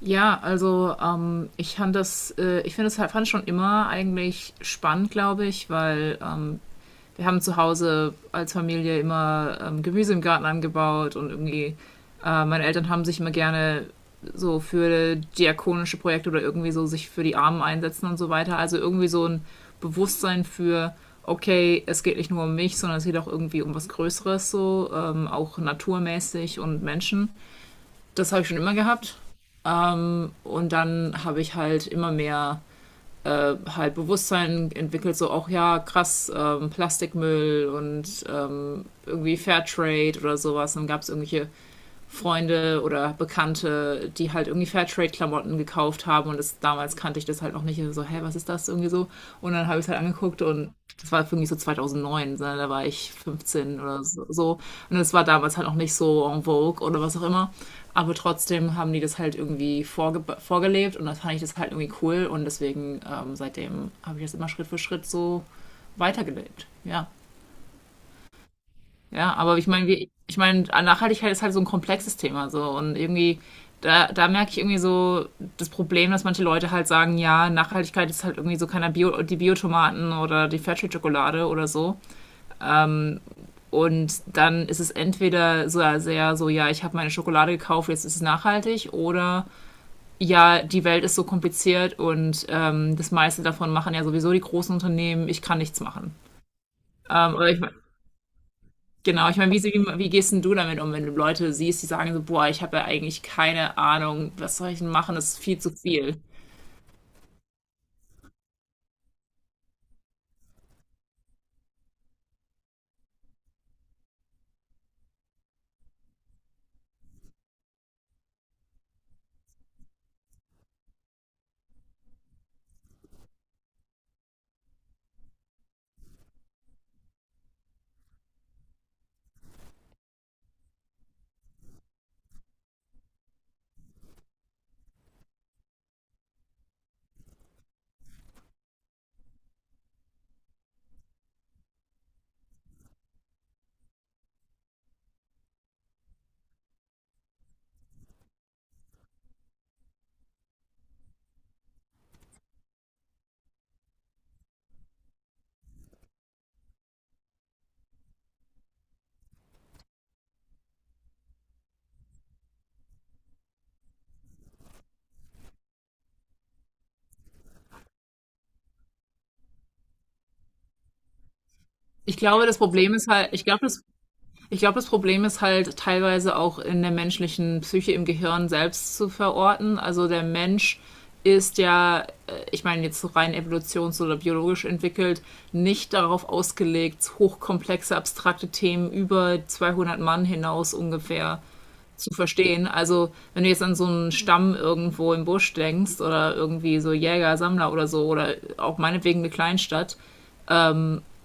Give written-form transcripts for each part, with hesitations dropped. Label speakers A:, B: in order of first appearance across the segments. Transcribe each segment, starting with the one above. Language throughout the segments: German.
A: Ja, also ich ich finde es halt, fand schon immer eigentlich spannend, glaube ich, weil wir haben zu Hause als Familie immer Gemüse im Garten angebaut und irgendwie meine Eltern haben sich immer gerne so für diakonische Projekte oder irgendwie so sich für die Armen einsetzen und so weiter. Also irgendwie so ein Bewusstsein für, okay, es geht nicht nur um mich, sondern es geht auch irgendwie um was Größeres so, auch naturmäßig und Menschen. Das habe ich schon immer gehabt. Und dann habe ich halt immer mehr halt Bewusstsein entwickelt, so auch ja, krass, Plastikmüll und irgendwie Fairtrade oder sowas. Dann gab es irgendwelche Freunde oder Bekannte, die halt irgendwie Fairtrade-Klamotten gekauft haben und das, damals kannte ich das halt noch nicht. Also so, hä, was ist das irgendwie so? Und dann habe ich es halt angeguckt und das war irgendwie so 2009, ne, da war ich 15 oder so. Und das war damals halt noch nicht so en vogue oder was auch immer. Aber trotzdem haben die das halt irgendwie vorgelebt und dann fand ich das halt irgendwie cool und deswegen seitdem habe ich das immer Schritt für Schritt so weitergelebt. Ja. Ja, aber ich meine, wie, ich meine, Nachhaltigkeit ist halt so ein komplexes Thema so und irgendwie da merke ich irgendwie so das Problem, dass manche Leute halt sagen, ja, Nachhaltigkeit ist halt irgendwie so keiner Bio, die Biotomaten oder die Fairtrade-Schokolade oder so. Und dann ist es entweder so sehr so, ja, ich habe meine Schokolade gekauft, jetzt ist es nachhaltig, oder ja, die Welt ist so kompliziert und das meiste davon machen ja sowieso die großen Unternehmen, ich kann nichts machen. Ähm, aber ich, Genau, ich meine, wie, wie, wie gehst denn du damit um, wenn du Leute siehst, die sagen so, boah, ich habe ja eigentlich keine Ahnung, was soll ich denn machen, das ist viel zu viel. Ich glaube, das Problem ist halt, das Problem ist halt teilweise auch in der menschlichen Psyche im Gehirn selbst zu verorten. Also der Mensch ist ja, ich meine, jetzt so rein evolutions- oder biologisch entwickelt, nicht darauf ausgelegt, hochkomplexe, abstrakte Themen über 200 Mann hinaus ungefähr zu verstehen. Also, wenn du jetzt an so einen Stamm irgendwo im Busch denkst oder irgendwie so Jäger, Sammler oder so oder auch meinetwegen eine Kleinstadt,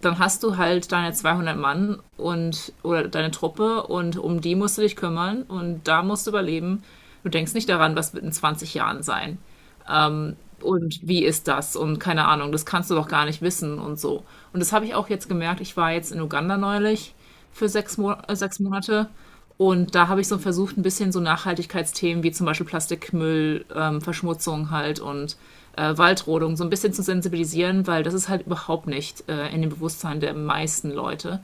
A: dann hast du halt deine 200 Mann und oder deine Truppe und um die musst du dich kümmern und da musst du überleben. Du denkst nicht daran, was wird in 20 Jahren sein und wie ist das und keine Ahnung, das kannst du doch gar nicht wissen und so. Und das habe ich auch jetzt gemerkt, ich war jetzt in Uganda neulich für sechs Monate und da habe ich so versucht, ein bisschen so Nachhaltigkeitsthemen wie zum Beispiel Plastikmüll, Verschmutzung halt und Waldrodung so ein bisschen zu sensibilisieren, weil das ist halt überhaupt nicht in dem Bewusstsein der meisten Leute.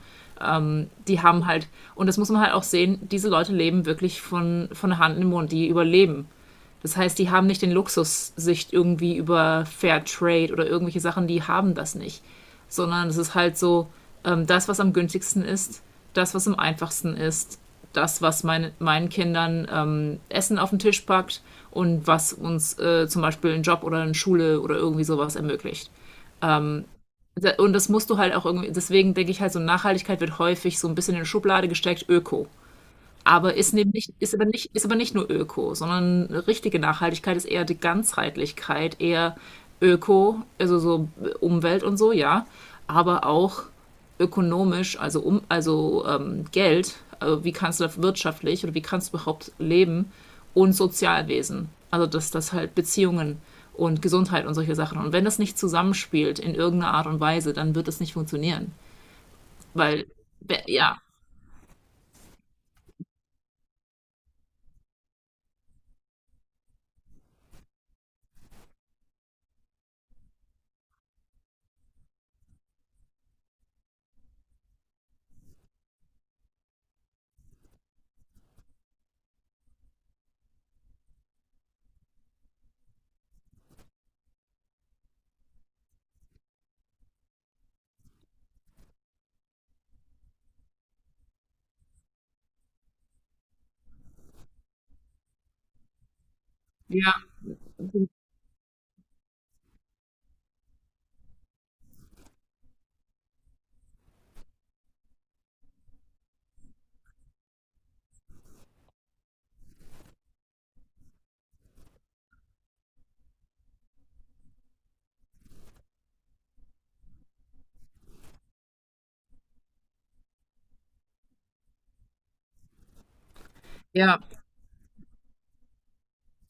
A: Die haben halt, und das muss man halt auch sehen, diese Leute leben wirklich von der Hand in den Mund, die überleben, das heißt, die haben nicht den Luxus, sich irgendwie über Fair Trade oder irgendwelche Sachen, die haben das nicht. Sondern es ist halt so, das, was am günstigsten ist, das, was am einfachsten ist, das, was meinen Kindern Essen auf den Tisch packt und was uns zum Beispiel einen Job oder eine Schule oder irgendwie sowas ermöglicht. Und das musst du halt auch irgendwie, deswegen denke ich halt so, Nachhaltigkeit wird häufig so ein bisschen in eine Schublade gesteckt, Öko. Aber ist eben nicht, ist aber nicht nur Öko, sondern richtige Nachhaltigkeit ist eher die Ganzheitlichkeit, eher Öko, also so Umwelt und so, ja, aber auch ökonomisch, also also Geld, also wie kannst du das wirtschaftlich oder wie kannst du überhaupt leben und Sozialwesen. Also dass das halt Beziehungen und Gesundheit und solche Sachen. Und wenn das nicht zusammenspielt in irgendeiner Art und Weise, dann wird das nicht funktionieren. Weil, ja, ja, ja,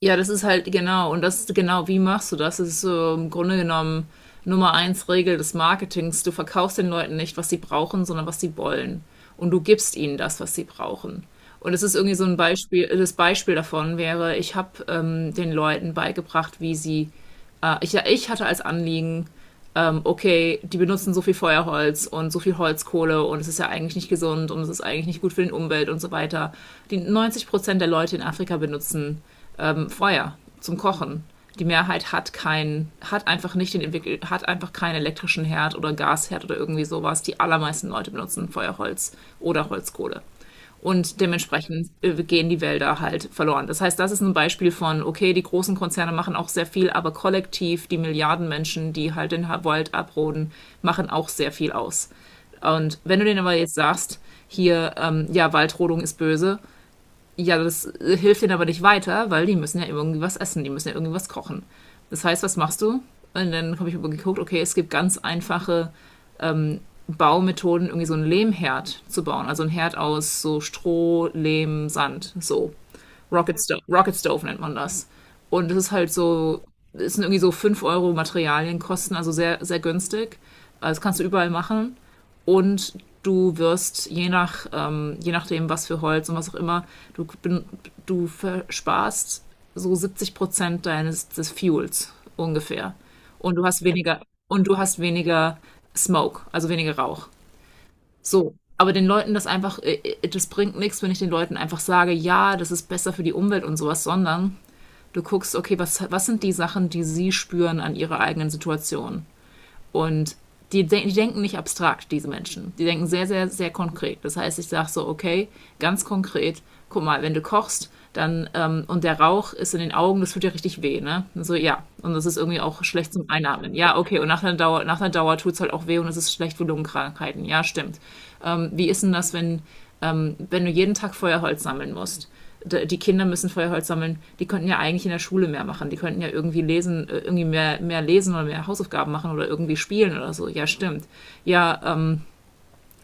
A: ja, das ist halt genau, wie machst du das? Das ist so im Grunde genommen Nummer eins Regel des Marketings. Du verkaufst den Leuten nicht, was sie brauchen, sondern was sie wollen. Und du gibst ihnen das, was sie brauchen. Und es ist irgendwie so ein Beispiel, das Beispiel davon wäre, ich habe den Leuten beigebracht, wie sie, ich hatte als Anliegen, okay, die benutzen so viel Feuerholz und so viel Holzkohle und es ist ja eigentlich nicht gesund und es ist eigentlich nicht gut für den Umwelt und so weiter. Die 90% der Leute in Afrika benutzen Feuer zum Kochen. Die Mehrheit hat keinen, hat einfach nicht den entwickelt, hat einfach keinen elektrischen Herd oder Gasherd oder irgendwie sowas. Die allermeisten Leute benutzen Feuerholz oder Holzkohle. Und dementsprechend gehen die Wälder halt verloren. Das heißt, das ist ein Beispiel von, okay, die großen Konzerne machen auch sehr viel, aber kollektiv die Milliarden Menschen, die halt den Wald abroden, machen auch sehr viel aus. Und wenn du denen aber jetzt sagst, hier, ja, Waldrodung ist böse, ja, das hilft denen aber nicht weiter, weil die müssen ja irgendwie was essen, die müssen ja irgendwie was kochen. Das heißt, was machst du? Und dann habe ich aber geguckt, okay, es gibt ganz einfache Baumethoden, irgendwie so einen Lehmherd zu bauen. Also ein Herd aus so Stroh, Lehm, Sand, so. Rocket Stove nennt man das. Und es ist halt so, es sind irgendwie so 5 Euro Materialien kosten, also sehr, sehr günstig. Also das kannst du überall machen und du wirst je nach je nachdem was für Holz und was auch immer du versparst so 70% deines des Fuels ungefähr und du hast weniger Smoke, also weniger Rauch. So, aber den Leuten das einfach das bringt nichts, wenn ich den Leuten einfach sage, ja, das ist besser für die Umwelt und sowas, sondern du guckst, okay, was sind die Sachen, die sie spüren an ihrer eigenen Situation. Und die denken nicht abstrakt, diese Menschen. Die denken sehr, sehr, sehr konkret. Das heißt, ich sage so, okay, ganz konkret, guck mal, wenn du kochst, dann, und der Rauch ist in den Augen, das tut ja richtig weh, ne? Und so, ja. Und das ist irgendwie auch schlecht zum Einatmen. Ja, okay, und nach einer Dauer tut es halt auch weh und es ist schlecht für Lungenkrankheiten. Ja, stimmt. Wie ist denn das, wenn du jeden Tag Feuerholz sammeln musst. Die Kinder müssen Feuerholz sammeln. Die könnten ja eigentlich in der Schule mehr machen. Die könnten ja irgendwie lesen, irgendwie mehr lesen oder mehr Hausaufgaben machen oder irgendwie spielen oder so. Ja, stimmt. Ja,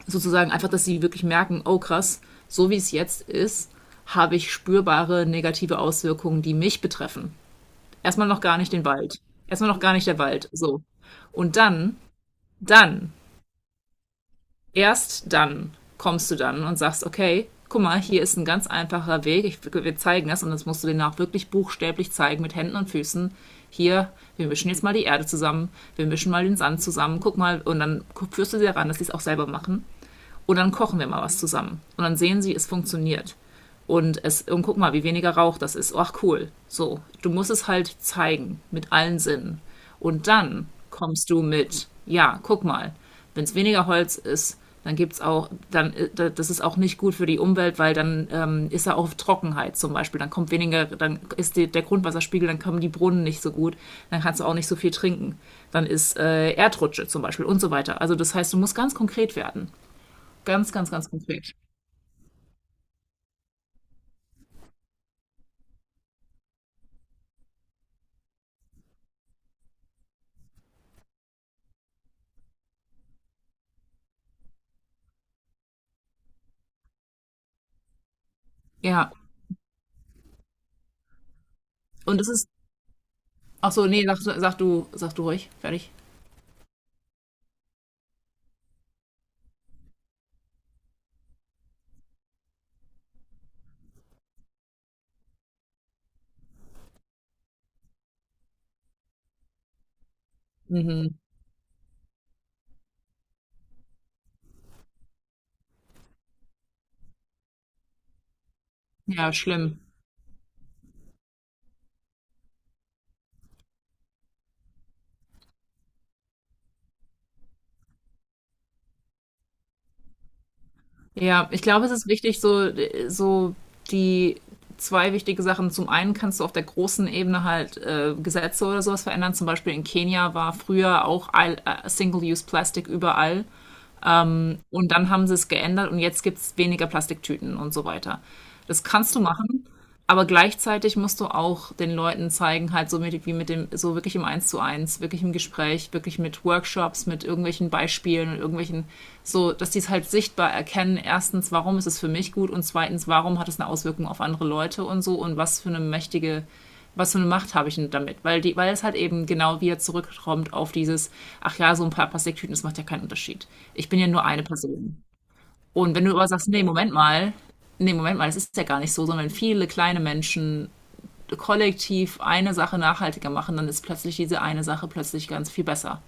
A: sozusagen einfach, dass sie wirklich merken, oh krass, so wie es jetzt ist, habe ich spürbare negative Auswirkungen, die mich betreffen. Erstmal noch gar nicht den Wald. Erstmal noch gar nicht der Wald. So. Und dann erst dann kommst du dann und sagst, okay, guck mal, hier ist ein ganz einfacher Weg, wir zeigen das und das musst du denen auch wirklich buchstäblich zeigen mit Händen und Füßen. Hier, wir mischen jetzt mal die Erde zusammen, wir mischen mal den Sand zusammen, guck mal, und dann führst du sie daran, dass sie es auch selber machen. Und dann kochen wir mal was zusammen. Und dann sehen sie, es funktioniert. Und guck mal, wie weniger Rauch das ist. Ach cool. So, du musst es halt zeigen mit allen Sinnen. Und dann kommst du mit, ja, guck mal, wenn es weniger Holz ist, dann das ist auch nicht gut für die Umwelt, weil dann ist er auch Trockenheit zum Beispiel. Dann kommt weniger, dann ist der Grundwasserspiegel, dann kommen die Brunnen nicht so gut, dann kannst du auch nicht so viel trinken. Dann ist Erdrutsche zum Beispiel und so weiter. Also das heißt, du musst ganz konkret werden. Ganz, ganz, ganz konkret. Ja. Und es ist. Ach so, nee, sag du ruhig. Fertig. Mhm. Ja, schlimm. Ja, ich glaube, es ist wichtig, so, so die zwei wichtige Sachen. Zum einen kannst du auf der großen Ebene halt Gesetze oder sowas verändern. Zum Beispiel in Kenia war früher auch Single-Use-Plastik überall. Und dann haben sie es geändert und jetzt gibt es weniger Plastiktüten und so weiter. Das kannst du machen, aber gleichzeitig musst du auch den Leuten zeigen, halt so mit, wie mit dem, so wirklich im Eins zu eins, wirklich im Gespräch, wirklich mit Workshops, mit irgendwelchen Beispielen und irgendwelchen, so, dass die es halt sichtbar erkennen. Erstens, warum ist es für mich gut und zweitens, warum hat es eine Auswirkung auf andere Leute und so und was für eine Macht habe ich denn damit? Weil, weil es halt eben genau wieder zurückkommt auf dieses, ach ja, so ein paar Plastiktüten, das macht ja keinen Unterschied. Ich bin ja nur eine Person. Und wenn du aber sagst, nee, Moment mal, das ist ja gar nicht so, sondern viele kleine Menschen kollektiv eine Sache nachhaltiger machen, dann ist plötzlich diese eine Sache plötzlich ganz viel besser.